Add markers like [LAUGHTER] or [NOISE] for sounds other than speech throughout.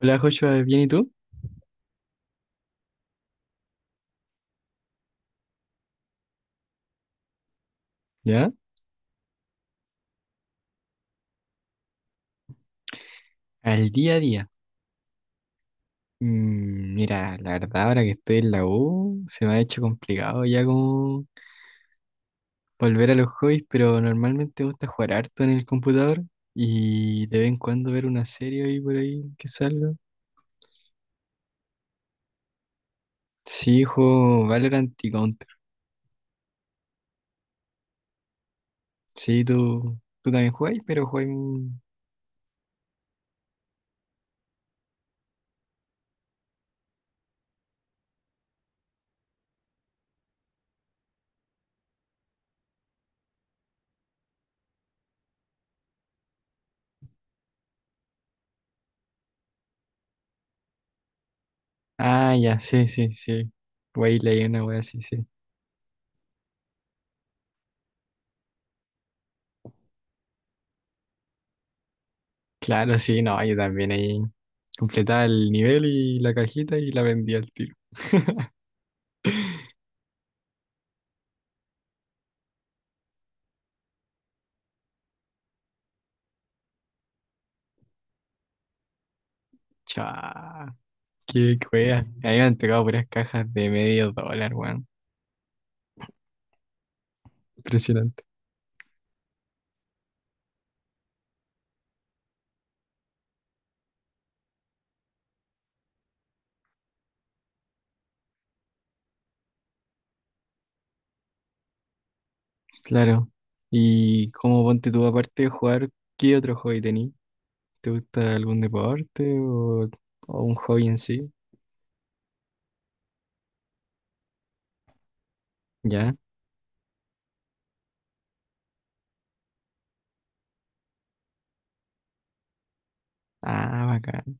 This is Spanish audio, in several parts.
Hola Joshua, ¿bien y tú? ¿Ya? Al día a día. Mira, la verdad ahora que estoy en la U se me ha hecho complicado ya como volver a los hobbies, pero normalmente me gusta jugar harto en el computador y de vez en cuando ver una serie ahí por ahí que salga. Sí, juego Valorant y Counter. Sí, tú también jugáis, pero jugáis... un- Ah, ya, sí, sí, sí. Güey, leí una wea así, sí. Claro, sí, no, yo también ahí completaba el nivel y la cajita y la vendía al tiro. [LAUGHS] Chá, qué wea. Ahí me han tocado puras cajas de medio dólar, weón. Impresionante. Claro. ¿Y cómo ponte tú aparte de jugar? ¿Qué otro hobby tení? ¿Te gusta algún deporte o un hobby en sí? ¿Ya? Ah, bacán.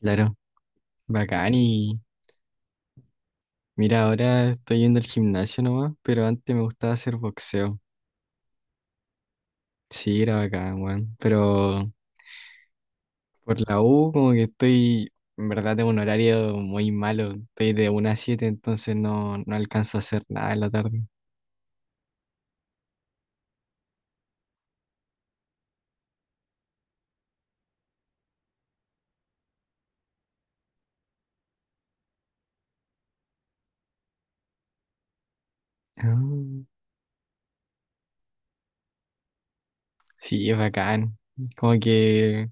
Claro, bacán. Y mira, ahora estoy yendo al gimnasio nomás, pero antes me gustaba hacer boxeo. Sí, era bacán, weón. Pero por la U, como que estoy, en verdad, tengo un horario muy malo. Estoy de una a siete, entonces no alcanzo a hacer nada en la tarde. Ah, sí, es bacán. Como que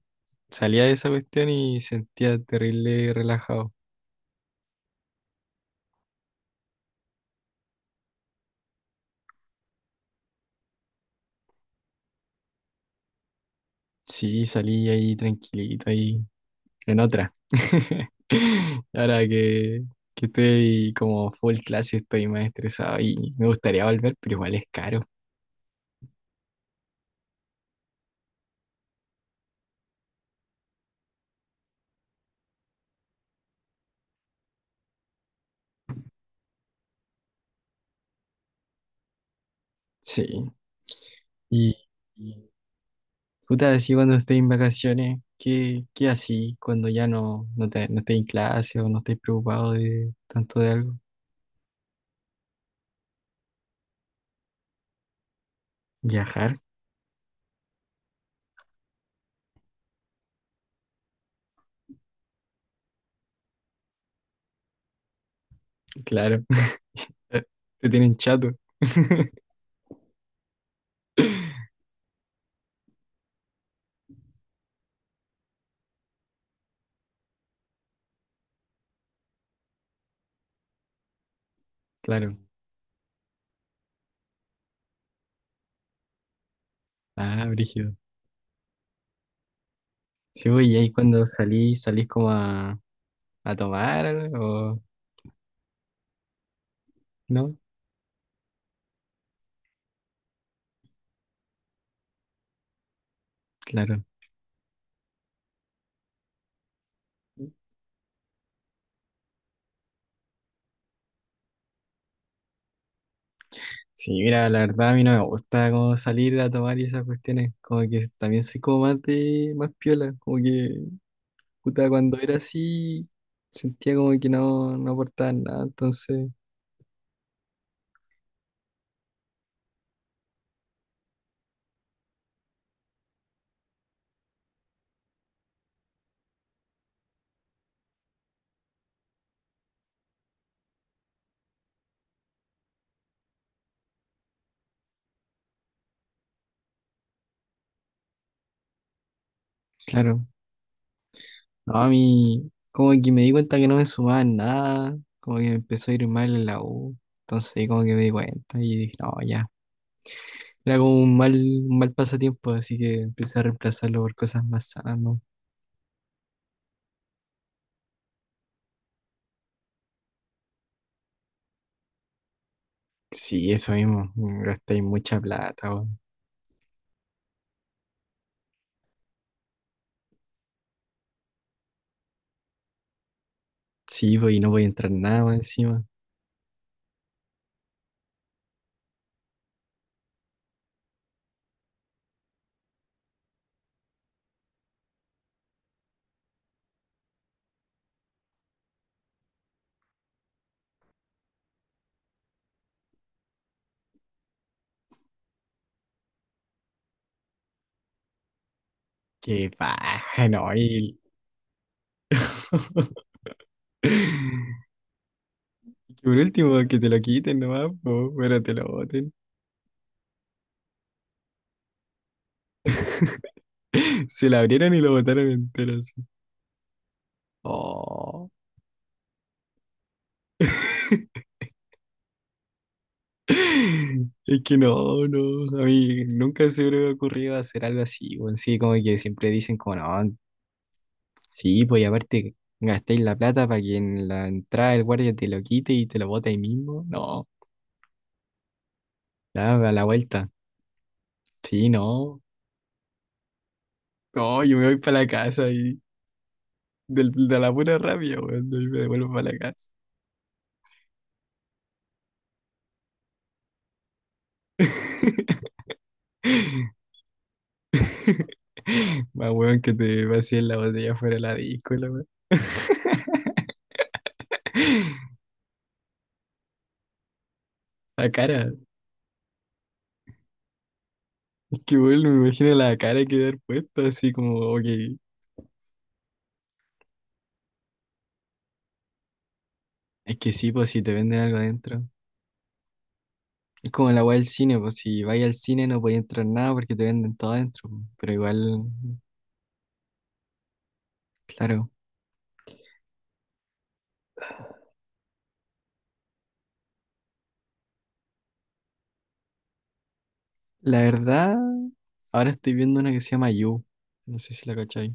salía de esa cuestión y sentía terrible relajado. Sí, salí ahí tranquilito, ahí en otra. [LAUGHS] Ahora que estoy como full clase, estoy más estresado y me gustaría volver, pero igual es caro. Sí. Y puta, así cuando estés en vacaciones, ¿qué, qué así cuando ya te, no estés en clase o no estés preocupado de tanto de algo? ¿Viajar? Claro. [LAUGHS] Te tienen chato. Claro. Ah, brígido. Sí, voy, y ahí cuando salís, salís como a tomar o no, claro. Sí, mira, la verdad a mí no me gusta como salir a tomar y esas cuestiones, como que también soy como más más piola, como que, puta, cuando era así, sentía como que no aportaba nada, entonces claro, no, a mí como que me di cuenta que no me sumaba en nada, como que me empezó a ir mal en la U, entonces como que me di cuenta y dije, no, ya, era como un mal pasatiempo, así que empecé a reemplazarlo por cosas más sanas, ¿no? Sí, eso mismo, gastáis mucha plata, weón. Sí, pues, y no voy a entrar nada más encima, qué baja, no, y... [LAUGHS] que por último que te lo quiten nomás, pues, pero te lo boten. [LAUGHS] Se la abrieron y lo botaron entero así. Oh. [LAUGHS] Es que no, a mí nunca se me hubiera ocurrido hacer algo así, bueno, sí, como que siempre dicen como, no, sí, pues y aparte gastéis la plata para que en la entrada el guardia te lo quite y te lo bote ahí mismo, no, ya, a la vuelta, sí, no, no, yo me voy para la casa y del- de la pura rabia, weón, y me devuelvo para la casa. [LAUGHS] Más weón que te vacíen la botella fuera de la disco, la weón. [LAUGHS] La cara, es que bueno, me imagino la cara que dar puesta, así como, ok. Es que sí, pues si te venden algo adentro. Es como la weá del cine, pues si vais al cine no podéis entrar nada porque te venden todo adentro, po. Pero igual, claro. La verdad, ahora estoy viendo una que se llama You. No sé si la cacháis.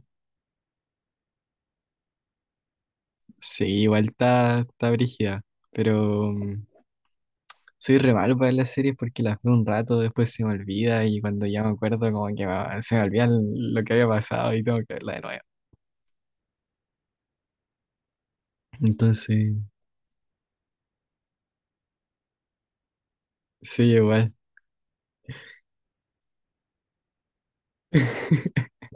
Sí, igual está, está brígida. Pero soy re malo para ver las series porque las veo un rato, después se me olvida y cuando ya me acuerdo como que va- se me olvida lo que había pasado y tengo que verla de nuevo. Entonces, sí, igual. [LAUGHS]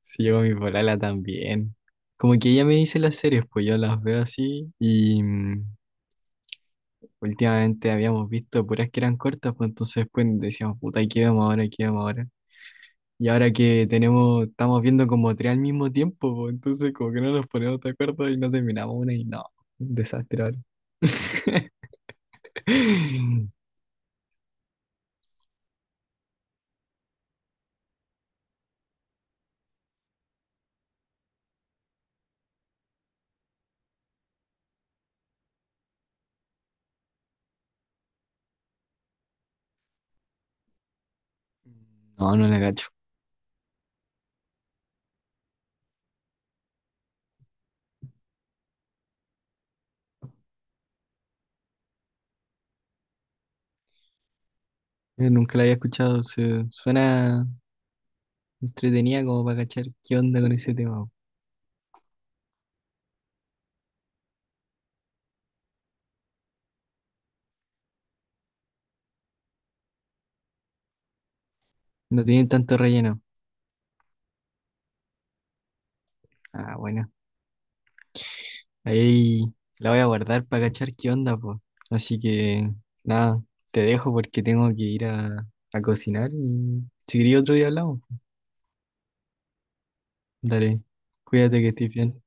Sí, llevo mi polala también. Como que ella me dice las series, pues yo las veo así y últimamente habíamos visto puras que eran cortas, pues entonces después decíamos, puta, ¿y qué vemos ahora? ¿Qué vemos ahora? Y ahora que tenemos, estamos viendo como 3 al mismo tiempo, pues entonces como que no nos ponemos de acuerdo y no terminamos una y no, un desastre ahora. [LAUGHS] No, no la cacho. Nunca la había escuchado, se- suena, entretenía como para cachar qué onda con ese tema, po. No tienen tanto relleno. Ah, bueno. Ahí la voy a guardar para cachar qué onda, pues. Así que nada, te dejo porque tengo que ir a cocinar y si quería otro día hablamos. Dale, cuídate que estés bien.